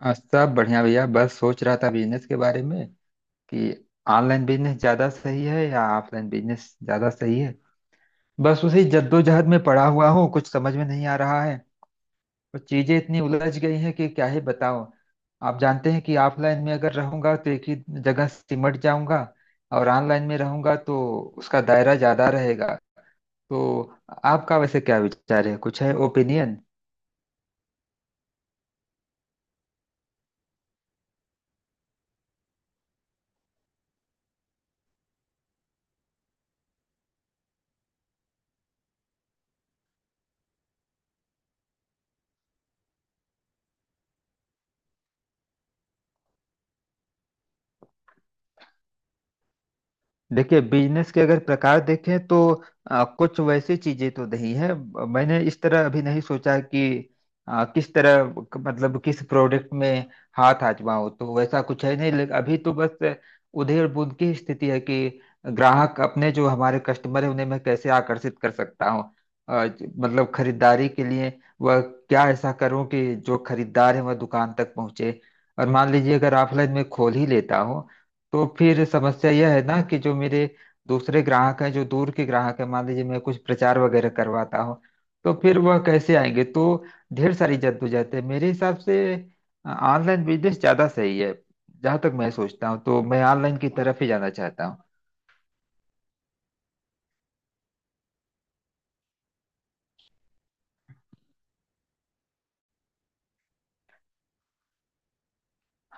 सब बढ़िया भैया, बस सोच रहा था बिजनेस के बारे में कि ऑनलाइन बिजनेस ज्यादा सही है या ऑफलाइन बिजनेस ज्यादा सही है। बस उसी जद्दोजहद में पड़ा हुआ हूँ, कुछ समझ में नहीं आ रहा है। और चीजें इतनी उलझ गई हैं कि क्या ही बताओ। आप जानते हैं कि ऑफलाइन में अगर रहूंगा तो एक ही जगह सिमट जाऊंगा, और ऑनलाइन में रहूंगा तो उसका दायरा ज्यादा रहेगा। तो आपका वैसे क्या विचार है, कुछ है ओपिनियन? देखिए, बिजनेस के अगर प्रकार देखें तो कुछ वैसी चीजें तो नहीं है। मैंने इस तरह अभी नहीं सोचा कि किस तरह मतलब किस प्रोडक्ट में हाथ आजमाऊं, तो वैसा कुछ है नहीं। लेकिन अभी तो बस उधेड़ बुन की स्थिति है कि ग्राहक अपने जो हमारे कस्टमर है उन्हें मैं कैसे आकर्षित कर सकता हूँ मतलब खरीदारी के लिए। वह क्या ऐसा करूं कि जो खरीदार है वह दुकान तक पहुंचे? और मान लीजिए अगर ऑफलाइन में खोल ही लेता हूँ, तो फिर समस्या यह है ना कि जो मेरे दूसरे ग्राहक हैं, जो दूर के ग्राहक हैं, मान लीजिए मैं कुछ प्रचार वगैरह करवाता हूँ तो फिर वह कैसे आएंगे? तो ढेर सारी जद्दोजहद है। मेरे हिसाब से ऑनलाइन बिजनेस ज्यादा सही है। जहां तक मैं सोचता हूँ तो मैं ऑनलाइन की तरफ ही जाना चाहता हूँ।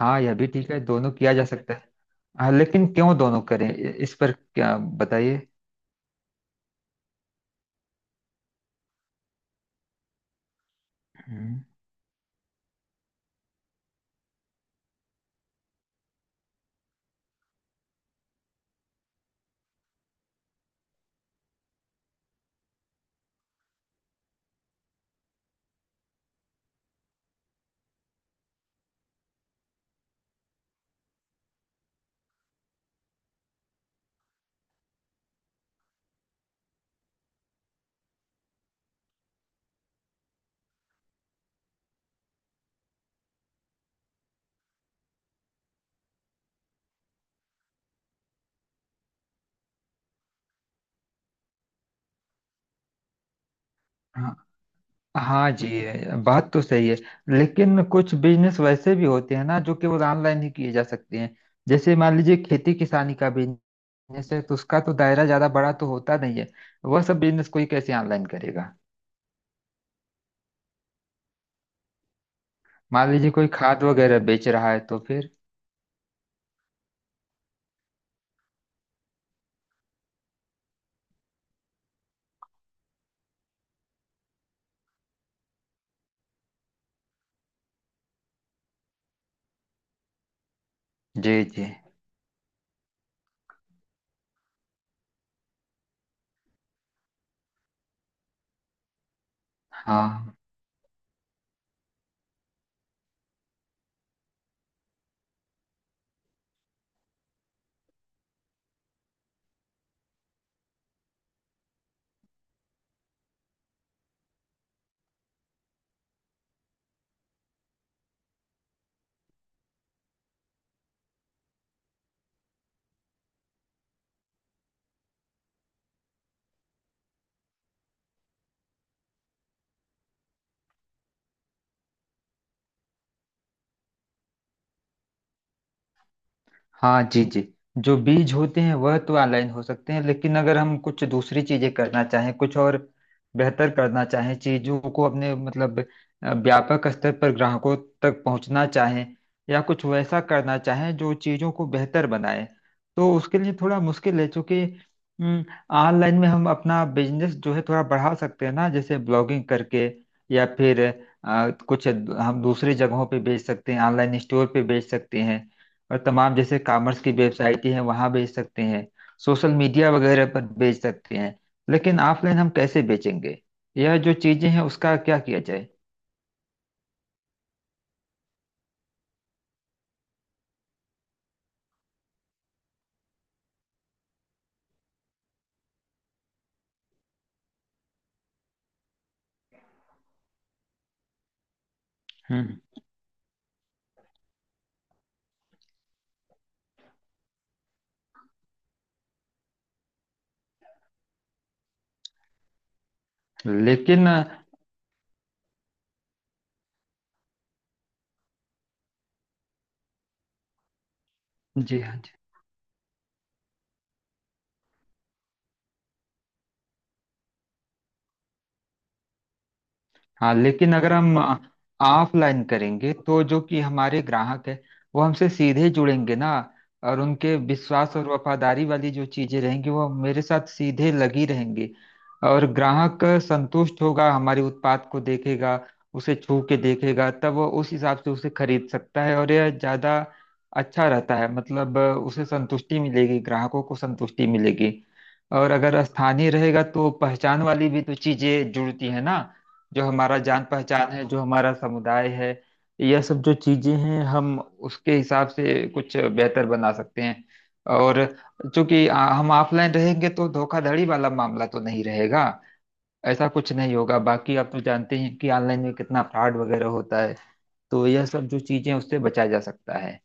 हाँ, यह भी ठीक है, दोनों किया जा सकता है। हाँ, लेकिन क्यों दोनों करें, इस पर क्या बताइए? हम्म। हाँ जी। बात तो सही है, लेकिन कुछ बिजनेस वैसे भी होते हैं ना जो केवल ऑनलाइन ही किए जा सकते हैं। जैसे मान लीजिए खेती किसानी का बिजनेस है, तो उसका तो दायरा ज्यादा बड़ा तो होता नहीं है। वह सब बिजनेस कोई कैसे ऑनलाइन करेगा? मान लीजिए कोई खाद वगैरह बेच रहा है, तो फिर। जी जी। हाँ। हाँ जी जी। जो बीज होते हैं वह तो ऑनलाइन हो सकते हैं, लेकिन अगर हम कुछ दूसरी चीजें करना चाहें, कुछ और बेहतर करना चाहें चीजों को, अपने मतलब व्यापक स्तर पर ग्राहकों तक पहुंचना चाहें, या कुछ वैसा करना चाहें जो चीजों को बेहतर बनाए, तो उसके लिए थोड़ा मुश्किल है, क्योंकि हम्म, ऑनलाइन में हम अपना बिजनेस जो है थोड़ा बढ़ा सकते हैं ना, जैसे ब्लॉगिंग करके, या फिर कुछ हम दूसरी जगहों पे बेच सकते हैं, ऑनलाइन स्टोर पे बेच सकते हैं, और तमाम जैसे कॉमर्स की वेबसाइटें हैं वहां बेच सकते हैं, सोशल मीडिया वगैरह पर बेच सकते हैं। लेकिन ऑफलाइन हम कैसे बेचेंगे? यह जो चीजें हैं, उसका क्या किया जाए? हम्म लेकिन, जी हाँ, हाँ, लेकिन अगर हम ऑफलाइन करेंगे तो जो कि हमारे ग्राहक है, वो हमसे सीधे जुड़ेंगे ना, और उनके विश्वास और वफादारी वाली जो चीजें रहेंगी वो मेरे साथ सीधे लगी रहेंगी। और ग्राहक संतुष्ट होगा, हमारे उत्पाद को देखेगा, उसे छू के देखेगा, तब वो उस हिसाब से उसे खरीद सकता है, और यह ज्यादा अच्छा रहता है। मतलब उसे संतुष्टि मिलेगी, ग्राहकों को संतुष्टि मिलेगी। और अगर स्थानीय रहेगा तो पहचान वाली भी तो चीजें जुड़ती है ना, जो हमारा जान पहचान है, जो हमारा समुदाय है। यह सब जो चीजें हैं, हम उसके हिसाब से कुछ बेहतर बना सकते हैं। और चूंकि हम ऑफलाइन रहेंगे तो धोखाधड़ी वाला मामला तो नहीं रहेगा, ऐसा कुछ नहीं होगा। बाकी आप तो जानते हैं कि ऑनलाइन में कितना फ्रॉड वगैरह होता है, तो यह सब जो चीजें हैं, उससे बचा जा सकता है।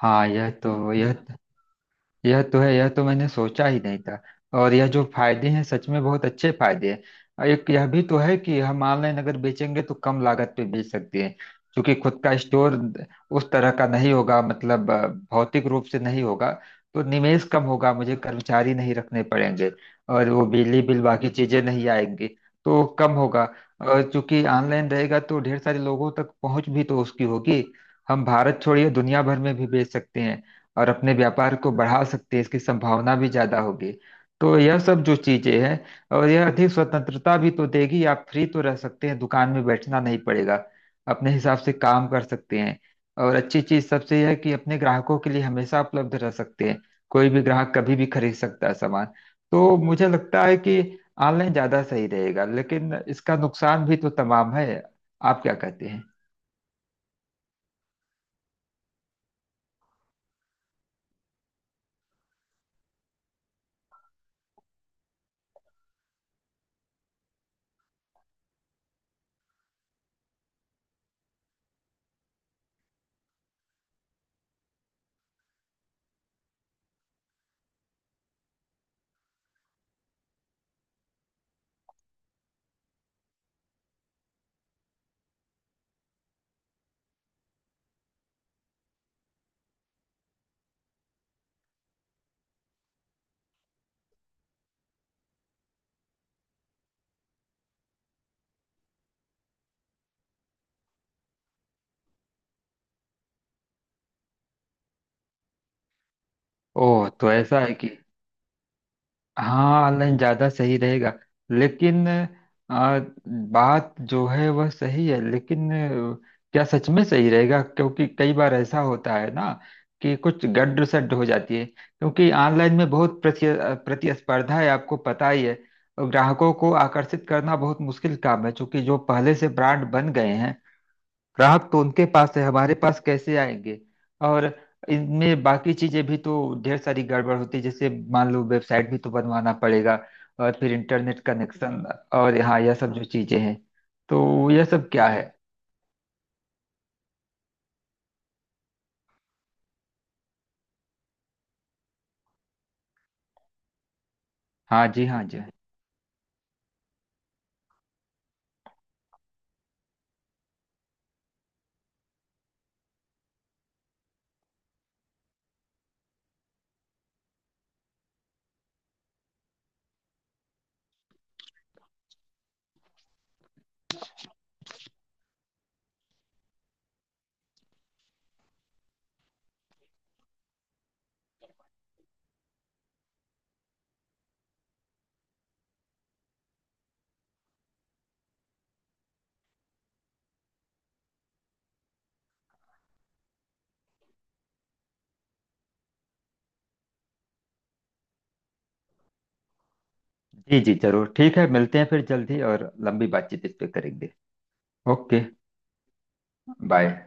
हाँ, यह तो है, यह तो मैंने सोचा ही नहीं था। और यह जो फायदे हैं सच में बहुत अच्छे फायदे हैं। और एक यह भी तो है कि हम ऑनलाइन अगर बेचेंगे तो कम लागत पे बेच सकते हैं, क्योंकि खुद का स्टोर उस तरह का नहीं होगा, मतलब भौतिक रूप से नहीं होगा, तो निवेश कम होगा, मुझे कर्मचारी नहीं रखने पड़ेंगे, और वो बिजली बिल बाकी चीजें नहीं आएंगी, तो कम होगा। और चूंकि ऑनलाइन रहेगा तो ढेर सारे लोगों तक पहुंच भी तो उसकी होगी, हम भारत छोड़िए दुनिया भर में भी बेच सकते हैं, और अपने व्यापार को बढ़ा सकते हैं, इसकी संभावना भी ज्यादा होगी। तो यह सब जो चीजें हैं, और यह अधिक स्वतंत्रता भी तो देगी, आप फ्री तो रह सकते हैं, दुकान में बैठना नहीं पड़ेगा, अपने हिसाब से काम कर सकते हैं। और अच्छी चीज सबसे यह है कि अपने ग्राहकों के लिए हमेशा उपलब्ध रह सकते हैं, कोई भी ग्राहक कभी भी खरीद सकता है सामान। तो मुझे लगता है कि ऑनलाइन ज्यादा सही रहेगा, लेकिन इसका नुकसान भी तो तमाम है। आप क्या कहते हैं? ओह, तो ऐसा है कि हाँ ऑनलाइन ज़्यादा सही रहेगा। लेकिन आ, बात जो है वह सही है, लेकिन क्या सच में सही रहेगा? क्योंकि कई बार ऐसा होता है ना कि कुछ गड़ सड़ हो जाती है, क्योंकि ऑनलाइन में बहुत प्रतिस्पर्धा है, आपको पता ही है। और ग्राहकों को आकर्षित करना बहुत मुश्किल काम है, क्योंकि जो पहले से ब्रांड बन गए हैं, ग्राहक तो उनके पास है, हमारे पास कैसे आएंगे? और इनमें बाकी चीजें भी तो ढेर सारी गड़बड़ होती है, जैसे मान लो वेबसाइट भी तो बनवाना पड़ेगा, और फिर इंटरनेट कनेक्शन, और हाँ यह सब जो चीजें हैं, तो यह सब क्या है? हाँ जी, हाँ जी। जी जी, जरूर, ठीक है, मिलते हैं फिर जल्दी और लंबी बातचीत इस पे करेंगे। ओके। बाय।